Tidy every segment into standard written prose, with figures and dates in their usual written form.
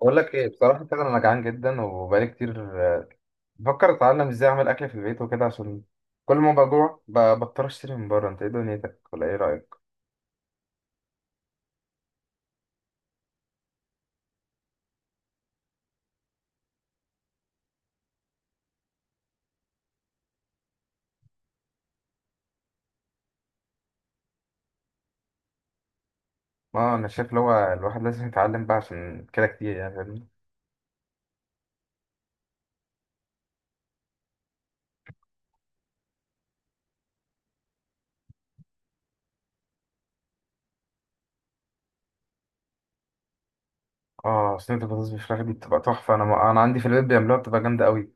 بقول لك ايه بصراحه كده. انا جعان جدا وبقالي كتير، بفكر اتعلم ازاي اعمل اكل في البيت وكده، عشان كل ما بجوع بضطر اشتري من بره. انت ايه دنيتك ولا ايه رايك؟ اه، انا شايف اللي هو الواحد لازم يتعلم بقى عشان كده كتير، يعني فاهمني. اه، صينيه البطاطس بالفراخ دي بتبقى تحفه. انا عندي في البيت بيعملوها، بتبقى جامده قوي.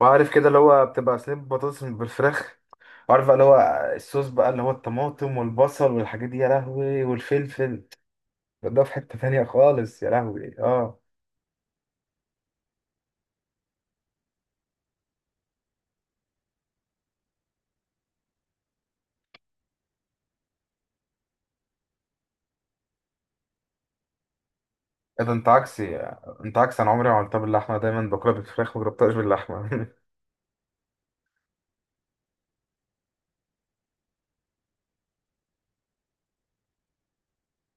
وعارف كده اللي هو بتبقى صينيه بطاطس بالفراخ، وعارف بقى اللي هو الصوص بقى، اللي هو الطماطم والبصل والحاجات دي، يا لهوي، والفلفل ده في حته تانيه خالص، يا لهوي اه. إيه ده، انت عكسي، انت عكسي. انا عمري ما عملتها باللحمه، دايما باكلها بالفراخ، ما جربتهاش باللحمه.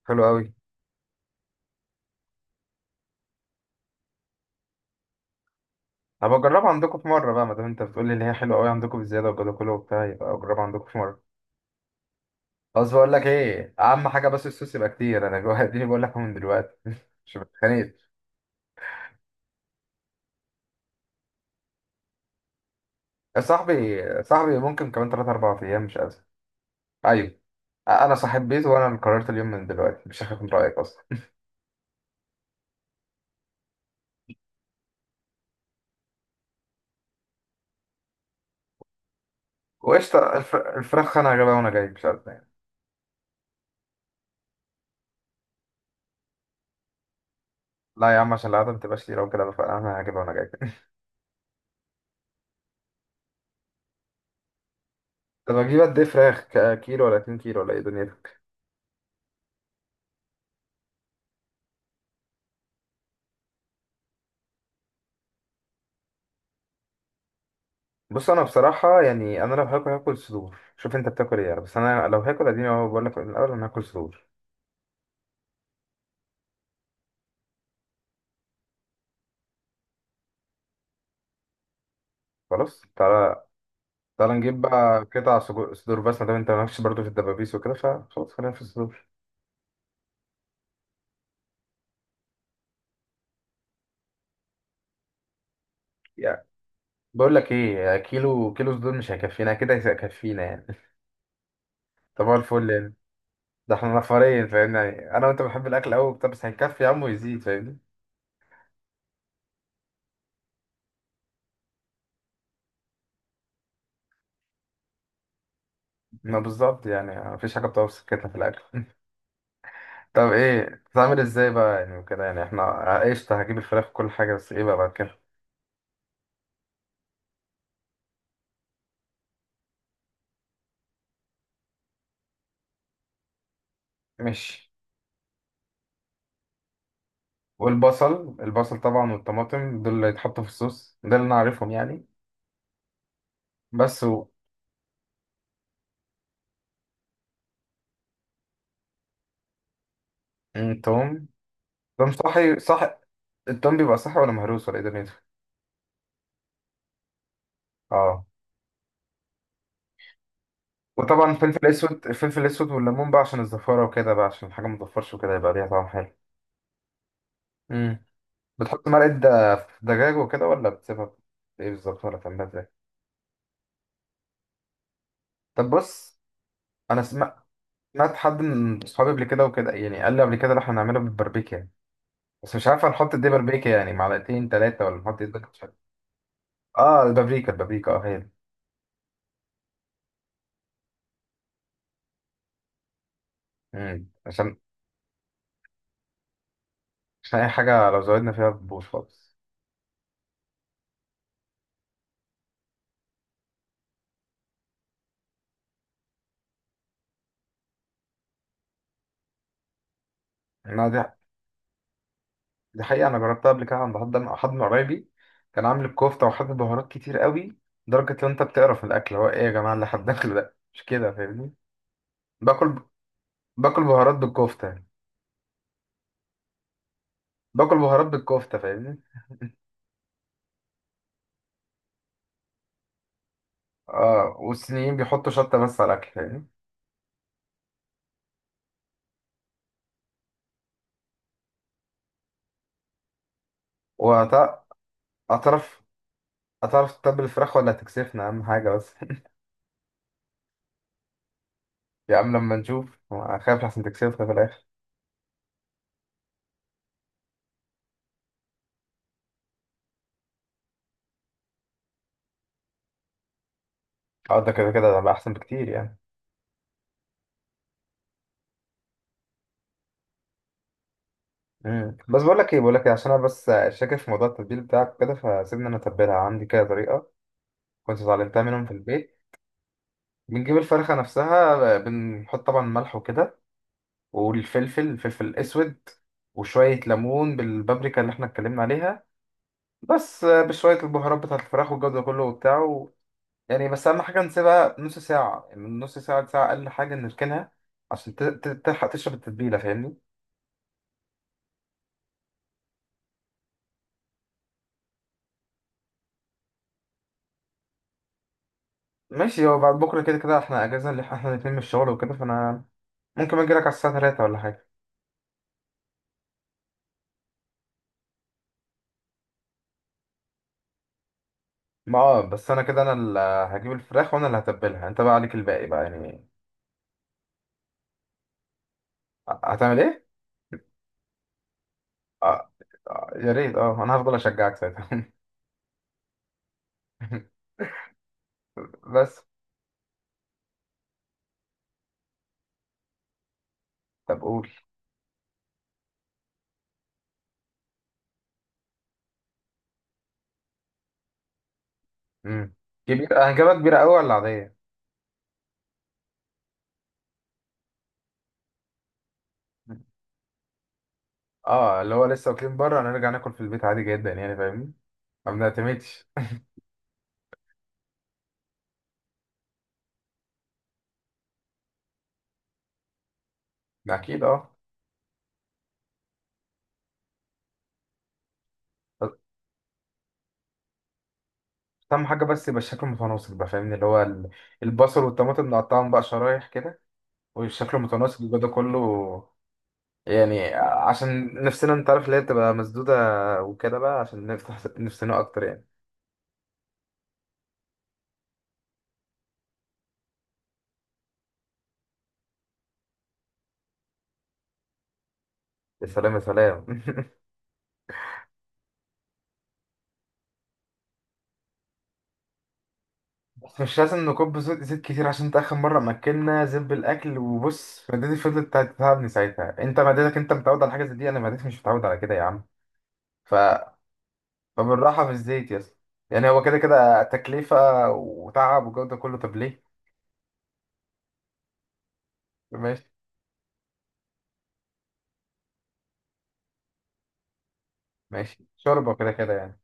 حلو قوي. هبقى اجربها عندكم في مره بقى، ما دام انت بتقول لي ان هي حلوه قوي عندكم بزياده وكده كله وبتاع، يبقى اجربها عندكم في مره. بس بقول لك ايه، اهم حاجه بس الصوص يبقى كتير، انا جوه. اديني بقول لك من دلوقتي. مش بتخانق. يا صاحبي، صاحبي، ممكن كمان 3 4 ايام، مش ازمه. ايوه. انا صاحب بيت، وانا اللي قررت اليوم، من دلوقتي مش هاخد من رايك اصلا. وقشطه، الفراخ انا هجيبها وانا جاي، مش ازمه يعني. لا يا عم، عشان العادة ما تبقاش لي لو كده بقى، انا هجيبها وانا جاي. طب اجيب قد ايه فراخ، كيلو ولا 2 كيلو ولا ايه دنيتك؟ بص، انا بصراحه يعني انا لو هاكل هاكل صدور، شوف انت بتاكل ايه يعني، بس انا لو هاكل، اديني اهو بقول لك من الاول، انا هاكل صدور. خلاص تعالى. تعالى نجيب بقى قطع صدور بس، ما دام انت مالكش برضه في الدبابيس وكده، فخلاص خلينا في الصدور. يعني بقول لك ايه، يعني كيلو صدور مش هيكفينا، كده هيكفينا يعني. طب هو الفل يعني. ده احنا نفرين فاهمني، يعني انا وانت بنحب الاكل قوي بتاع، بس هيكفي يا عم ويزيد، فاهمني. ما بالظبط يعني، مفيش حاجه بتوصل كده في الاكل. طب ايه، بتعمل ازاي بقى يعني وكده، يعني احنا قشطة، هجيب الفراخ وكل حاجة، بس ايه بقى بعد كده؟ ماشي. والبصل، البصل طبعا والطماطم، دول اللي يتحطوا في الصوص ده، اللي انا عارفهم يعني، بس التوم التوم صحي صح؟ التوم بيبقى صحي ولا مهروس، ولا ايه دنيته؟ اه. وطبعا الفلفل الاسود والليمون بقى، عشان الزفارة وكده بقى، عشان الحاجة ما تزفرش وكده، يبقى ليها طعم حلو. امم بتحط مرقة دجاج وكده، ولا بتسيبها ايه بالظبط، ولا بتعملها ازاي؟ طب بص. انا سمعت حد من صحابي قبل كده وكده، يعني قال لي قبل كده، لو احنا هنعملها بالبربيكا يعني، بس مش عارف هنحط دي بربيكا يعني معلقتين ثلاثة، ولا نحط قد ايه، ده مش عارف. اه، البابريكا اه، هي دي. مم. عشان اي حاجة لو زودنا فيها بتبوظ خالص. انا دي دي حقيقة، انا جربتها قبل كده عند حد من قرايبي، كان عامل الكفتة وحاطط بهارات كتير قوي، لدرجة لو انت بتقرف من الاكل، هو ايه يا جماعة اللي هتدخله؟ ده مش كده فاهمني؟ باكل باكل بهارات بالكفتة يعني. باكل بهارات بالكفتة، فاهمني. اه، والصينيين بيحطوا شطة بس على الاكل، فاهمني. هتعرف هتعرف تتبل الفراخ ولا هتكسفنا، أهم حاجة بس. يا عم لما نشوف، خايف لحسن تكسفنا في الآخر. اه، ده كده كده هيبقى أحسن بكتير يعني. مم. بس بقول لك ايه، عشان انا بس شاكك في موضوع التتبيل بتاعك كده، فسيبني انا اتبلها عندي كده، طريقه كنت اتعلمتها منهم في البيت. بنجيب الفرخه نفسها، بنحط طبعا ملح وكده، والفلفل الاسود، وشويه ليمون بالبابريكا اللي احنا اتكلمنا عليها، بس بشويه البهارات بتاعت الفراخ والجو ده كله وبتاع، يعني بس أهم حاجة نسيبها نص ساعة، يعني من نص ساعة لساعة، أقل حاجة نركنها، عشان تلحق تشرب التتبيلة، فاهمني. ماشي، هو بعد بكرة كده كده احنا أجازة اللي احنا الاتنين من الشغل وكده، فأنا ممكن أجيلك على الساعة تلاتة ولا حاجة. ما بس أنا كده، أنا اللي هجيب الفراخ، وأنا اللي هتبلها، أنت بقى عليك الباقي بقى يعني. هتعمل إيه؟ آه. آه، يا ريت. اه أنا هفضل أشجعك ساعتها. بس طب قول. مم. كبيرة، هنجيبها كبيرة أوي ولا عادية؟ اه، اللي هو لسه واكلين بره، هنرجع ناكل في البيت عادي جدا يعني، فاهمني. ما بنعتمدش. ده اكيد اه. بس اهم حاجه، بس يبقى الشكل متناسق بقى، فاهمني اللي هو البصل والطماطم نقطعهم بقى شرايح كده، والشكل متناسق، يبقى ده كله، يعني عشان نفسنا، انت عارف اللي هي بتبقى مسدوده وكده بقى، عشان نفتح نفسنا اكتر يعني. يا سلام، يا سلام. بس مش لازم نكب زيت، زيت كتير، عشان انت اخر مره ما اكلنا زب الاكل، وبص معدتي فضلت تتعبني ساعتها. انت معدتك انت متعود على حاجه زي دي، انا معدتي مش متعود على كده يا عم، ف... فبالراحة في الزيت يا اسطى، يعني هو كده كده تكلفة وتعب والجو ده كله، طب ليه؟ ماشي. ماشي شوربة، كده كده يعني.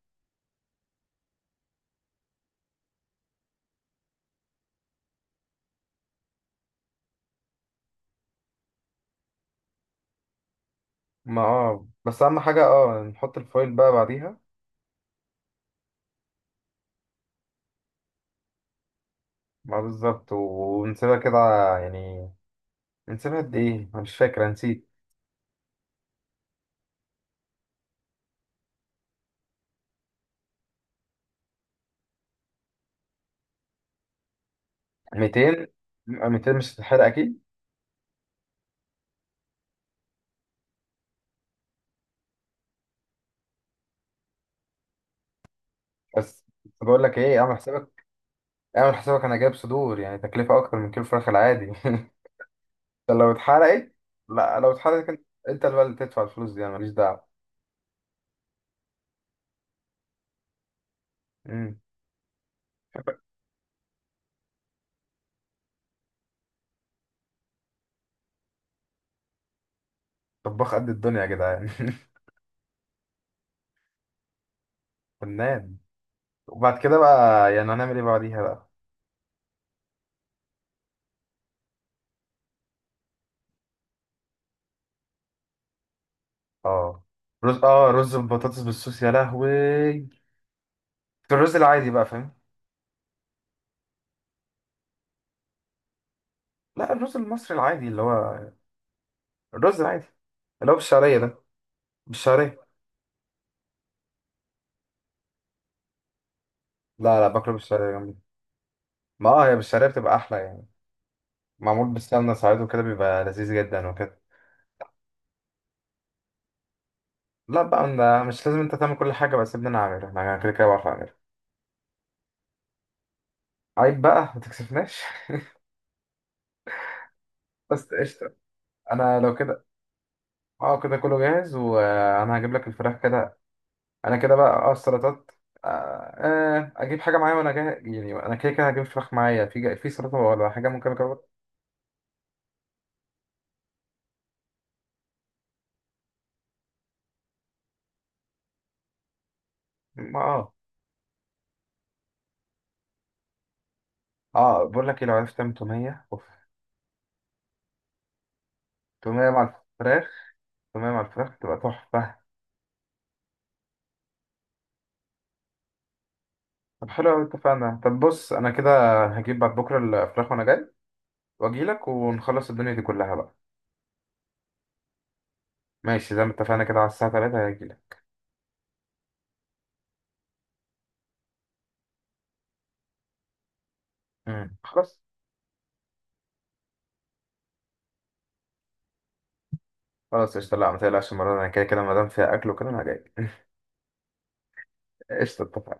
ما بس أهم حاجة، نحط الفايل بقى بعديها. ما بالظبط، ونسيبها كده يعني، نسيبها قد ايه؟ أنا مش فاكر، أنا نسيت. 200 200 مش هتتحرق أكيد؟ بس بقول لك ايه، اعمل حسابك أنا جايب صدور، يعني تكلفة أكتر من كيلو فراخ العادي. ده لو اتحرقت. لا، لو اتحرقت انت، أنت اللي بقى اللي تدفع الفلوس دي، أنا ماليش دعوة. مم. طباخ قد الدنيا يا جدعان. فنان. وبعد كده بقى، يعني هنعمل ايه بعديها بقى؟ اه رز، بطاطس بالصوص، يا لهوي. ده الرز العادي بقى، فاهم؟ لا، الرز المصري العادي اللي هو الرز العادي، اللي هو بالشعرية ده. بالشعرية؟ لا لا، باكله بالشعرية جامد. ما اه، هي بالشعرية بتبقى أحلى يعني، معمول بالسمنة ساعات وكده، بيبقى لذيذ جدا وكده. لا بقى، أنا مش لازم أنت تعمل كل حاجة، بس سيبني أنا أعملها، أنا كده كده بعرف أعملها. عيب بقى ما تكسفناش. بس قشطة. أنا لو كده. اه، كده كله جاهز، وانا هجيب لك الفراخ كده. انا كده بقى، السلطات. آه، آه، اجيب حاجه معايا وانا جاهز، يعني انا كده كده هجيب فراخ معايا، في سلطه ولا حاجه ممكن اجرب. ما اه، اه بقول لك ايه، لو عرفت تعمل توميه، اوف. توميه مع الفراخ توميه مع الفراخ تبقى تحفه. طب حلو قوي، اتفقنا. طب بص، انا كده هجيب بعد بكره الفراخ وانا جاي، واجي لك ونخلص الدنيا دي كلها بقى. ماشي، زي ما اتفقنا كده، على الساعه 3 هاجي لك. مم. خلاص. خلاص قشطة، لا ما تقلقش المرة دي، انا كده كده ما دام فيها اكل وكده، انا جاي. قشطة، اتفقنا.